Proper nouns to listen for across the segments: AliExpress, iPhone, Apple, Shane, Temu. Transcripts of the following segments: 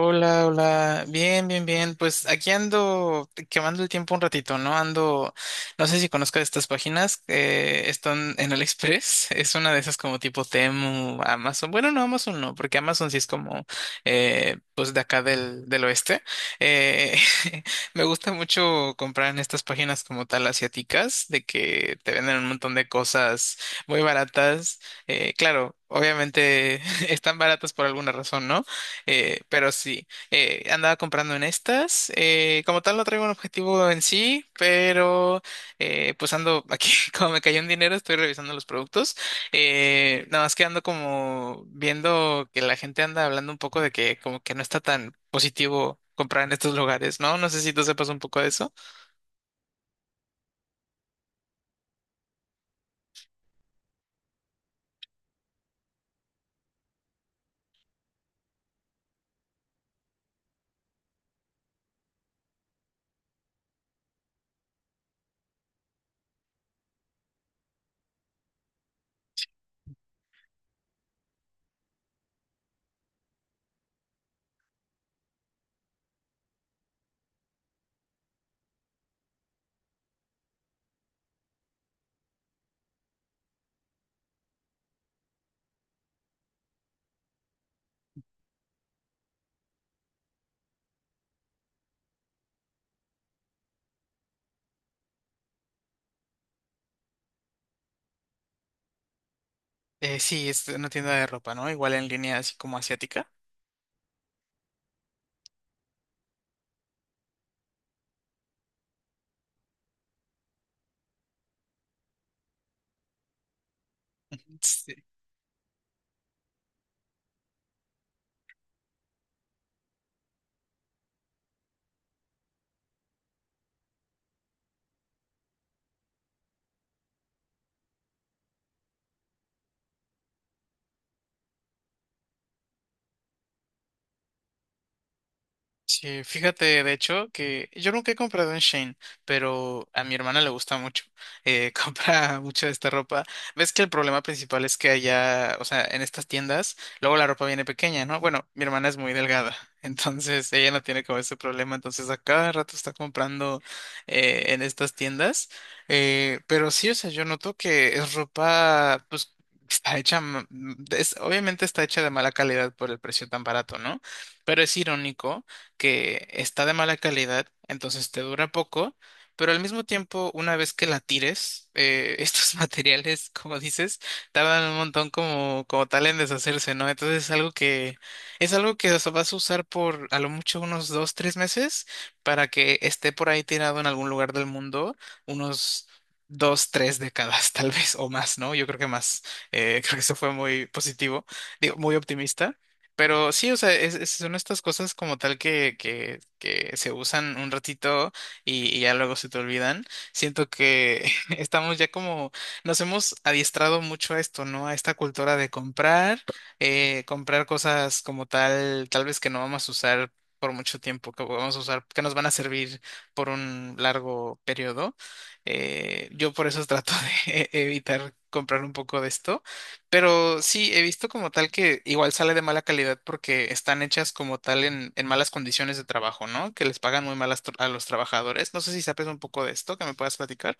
Hola, hola. Bien, bien, bien. Pues aquí ando quemando el tiempo un ratito, ¿no? No sé si conozcas estas páginas, están en AliExpress. Es una de esas como tipo Temu, Amazon. Bueno, no, Amazon no, porque Amazon sí es como, pues de acá del oeste. Eh, Me gusta mucho comprar en estas páginas como tal asiáticas, de que te venden un montón de cosas muy baratas. Claro, obviamente están baratas por alguna razón, ¿no? Pero sí, andaba comprando en estas. Como tal, no traigo un objetivo en sí, pero pues ando aquí, como me cayó un dinero, estoy revisando los productos. Nada más que ando como viendo que la gente anda hablando un poco de que como que no está tan positivo comprar en estos lugares, ¿no? No sé si tú sepas un poco de eso. Sí, es una tienda de ropa, ¿no? Igual en línea así como asiática. Sí, fíjate, de hecho, que yo nunca he comprado en Shane, pero a mi hermana le gusta mucho. Compra mucho de esta ropa. Ves que el problema principal es que allá, o sea, en estas tiendas, luego la ropa viene pequeña, ¿no? Bueno, mi hermana es muy delgada, entonces ella no tiene como ese problema, entonces a cada rato está comprando en estas tiendas. Pero sí, o sea, yo noto que es ropa, pues, está hecha, es, obviamente está hecha de mala calidad por el precio tan barato, ¿no? Pero es irónico que está de mala calidad, entonces te dura poco, pero al mismo tiempo, una vez que la tires, estos materiales, como dices, tardan un montón como tal en deshacerse, ¿no? Entonces es algo que, o sea, vas a usar por a lo mucho unos dos, tres meses para que esté por ahí tirado en algún lugar del mundo unos dos, tres décadas, tal vez, o más, ¿no? Yo creo que más. Creo que eso fue muy positivo, digo, muy optimista. Pero sí, o sea, son estas cosas como tal que se usan un ratito y ya luego se te olvidan. Siento que estamos ya como, nos hemos adiestrado mucho a esto, ¿no? A esta cultura de comprar cosas como tal, tal vez que no vamos a usar por mucho tiempo, que vamos a usar, que nos van a servir por un largo periodo. Yo por eso trato de evitar comprar un poco de esto. Pero sí, he visto como tal que igual sale de mala calidad porque están hechas como tal en malas condiciones de trabajo, ¿no? Que les pagan muy mal a los trabajadores. No sé si sabes un poco de esto, que me puedas platicar.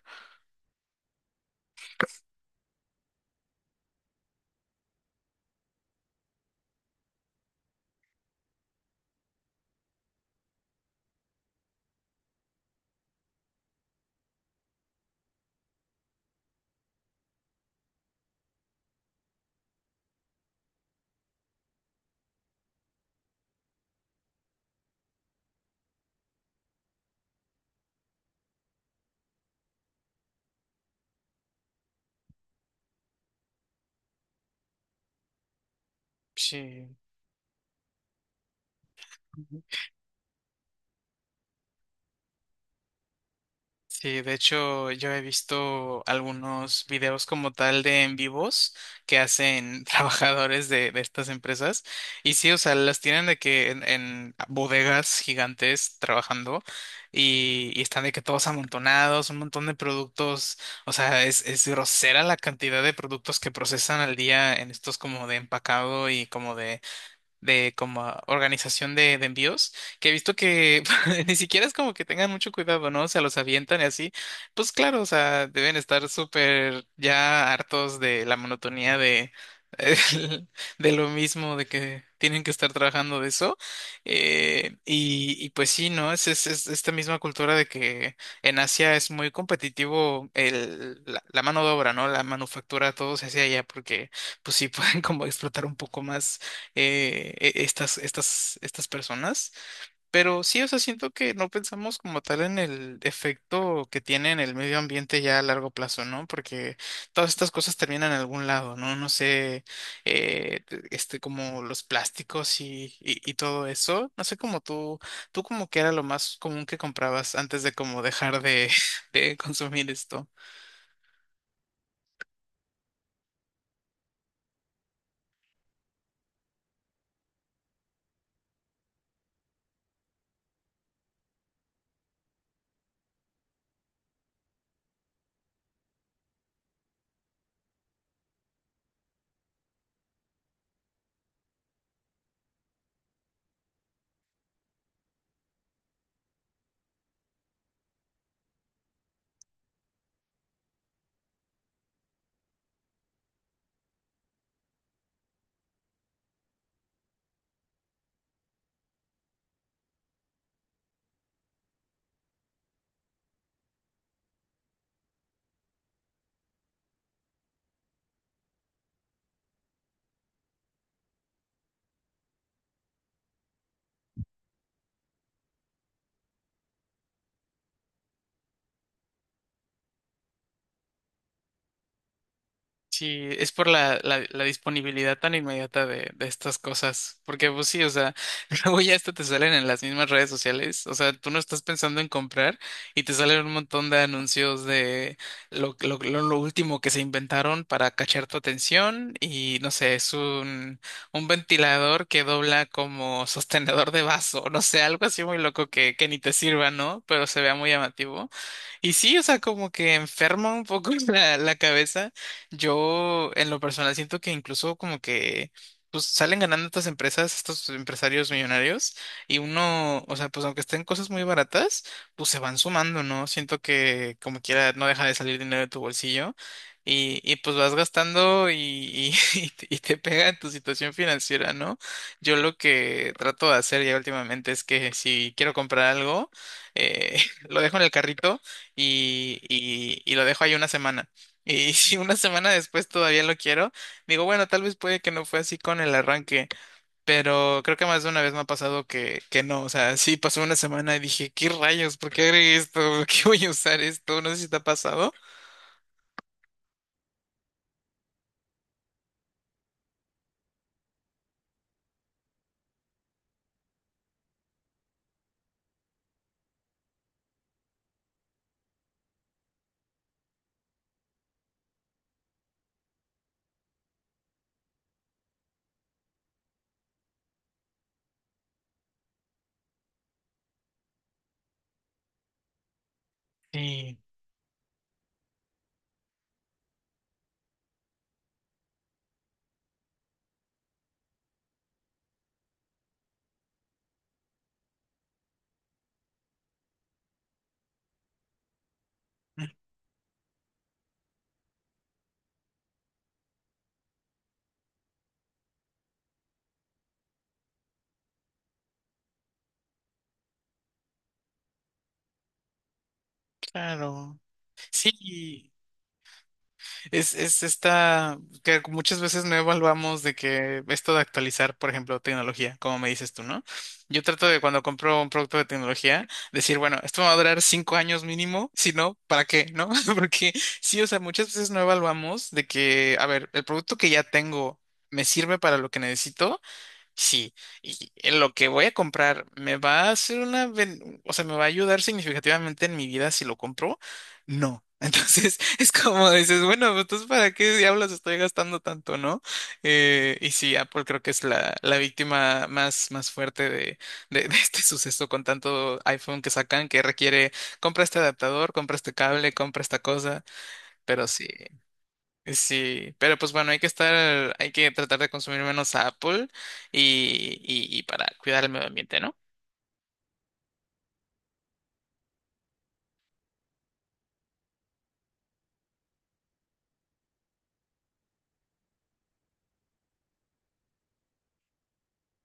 Sí. Sí, de hecho yo he visto algunos videos como tal de en vivos que hacen trabajadores de estas empresas y sí, o sea, las tienen de que en bodegas gigantes trabajando y están de que todos amontonados, un montón de productos, o sea, es grosera la cantidad de productos que procesan al día en estos como de empacado y como de como organización de envíos, que he visto que ni siquiera es como que tengan mucho cuidado, ¿no? O sea, los avientan y así. Pues claro, o sea, deben estar súper ya hartos de la monotonía de, de lo mismo, de que tienen que estar trabajando de eso. Y pues sí, ¿no? Es esta misma cultura de que en Asia es muy competitivo la mano de obra, ¿no? La manufactura, todo se hace allá porque pues sí pueden como explotar un poco más estas personas. Pero sí, o sea, siento que no pensamos como tal en el efecto que tiene en el medio ambiente ya a largo plazo, ¿no? Porque todas estas cosas terminan en algún lado, ¿no? No sé, este, como los plásticos y todo eso. No sé cómo tú, como que era lo más común que comprabas antes de como dejar de, de consumir esto. Sí, es por la disponibilidad tan inmediata de estas cosas. Porque, pues sí, o sea, luego ya esto te salen en las mismas redes sociales. O sea, tú no estás pensando en comprar y te salen un montón de anuncios de lo último que se inventaron para cachar tu atención. Y no sé, es un ventilador que dobla como sostenedor de vaso. No sé, algo así muy loco que ni te sirva, ¿no? Pero se vea muy llamativo. Y sí, o sea, como que enferma un poco la cabeza. Yo en lo personal siento que incluso como que pues salen ganando estas empresas, estos empresarios millonarios y uno, o sea, pues aunque estén cosas muy baratas, pues se van sumando, ¿no? Siento que como quiera no deja de salir dinero de tu bolsillo y pues vas gastando y, y te pega en tu situación financiera, ¿no? Yo lo que trato de hacer ya últimamente es que si quiero comprar algo, eh, lo dejo en el carrito y lo dejo ahí una semana. Y si una semana después todavía lo quiero, digo, bueno, tal vez puede que no fue así con el arranque, pero creo que más de una vez me ha pasado que no, o sea, sí pasó una semana y dije, ¿qué rayos? ¿Por qué agregué esto? ¿Por qué voy a usar esto? No sé si te ha pasado. Sí, claro. Sí. Es esta que muchas veces no evaluamos de que esto de actualizar, por ejemplo, tecnología, como me dices tú, ¿no? Yo trato de cuando compro un producto de tecnología, decir, bueno, esto me va a durar 5 años mínimo, si no, ¿para qué? ¿No? Porque sí, o sea, muchas veces no evaluamos de que, a ver, el producto que ya tengo me sirve para lo que necesito. Sí, y en lo que voy a comprar me va a hacer una, o sea, me va a ayudar significativamente en mi vida si lo compro. No. Entonces es como dices, bueno, pues, entonces ¿para qué diablos estoy gastando tanto, no? Y sí, Apple creo que es la víctima más fuerte de, de este suceso con tanto iPhone que sacan que requiere compra este adaptador, compra este cable, compra esta cosa, pero sí. Sí, pero pues bueno, hay que estar, hay que tratar de consumir menos Apple y para cuidar el medio ambiente, ¿no?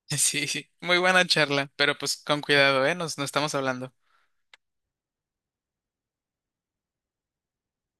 Sí, sí, muy buena charla, pero pues con cuidado, ¿eh? Nos estamos hablando.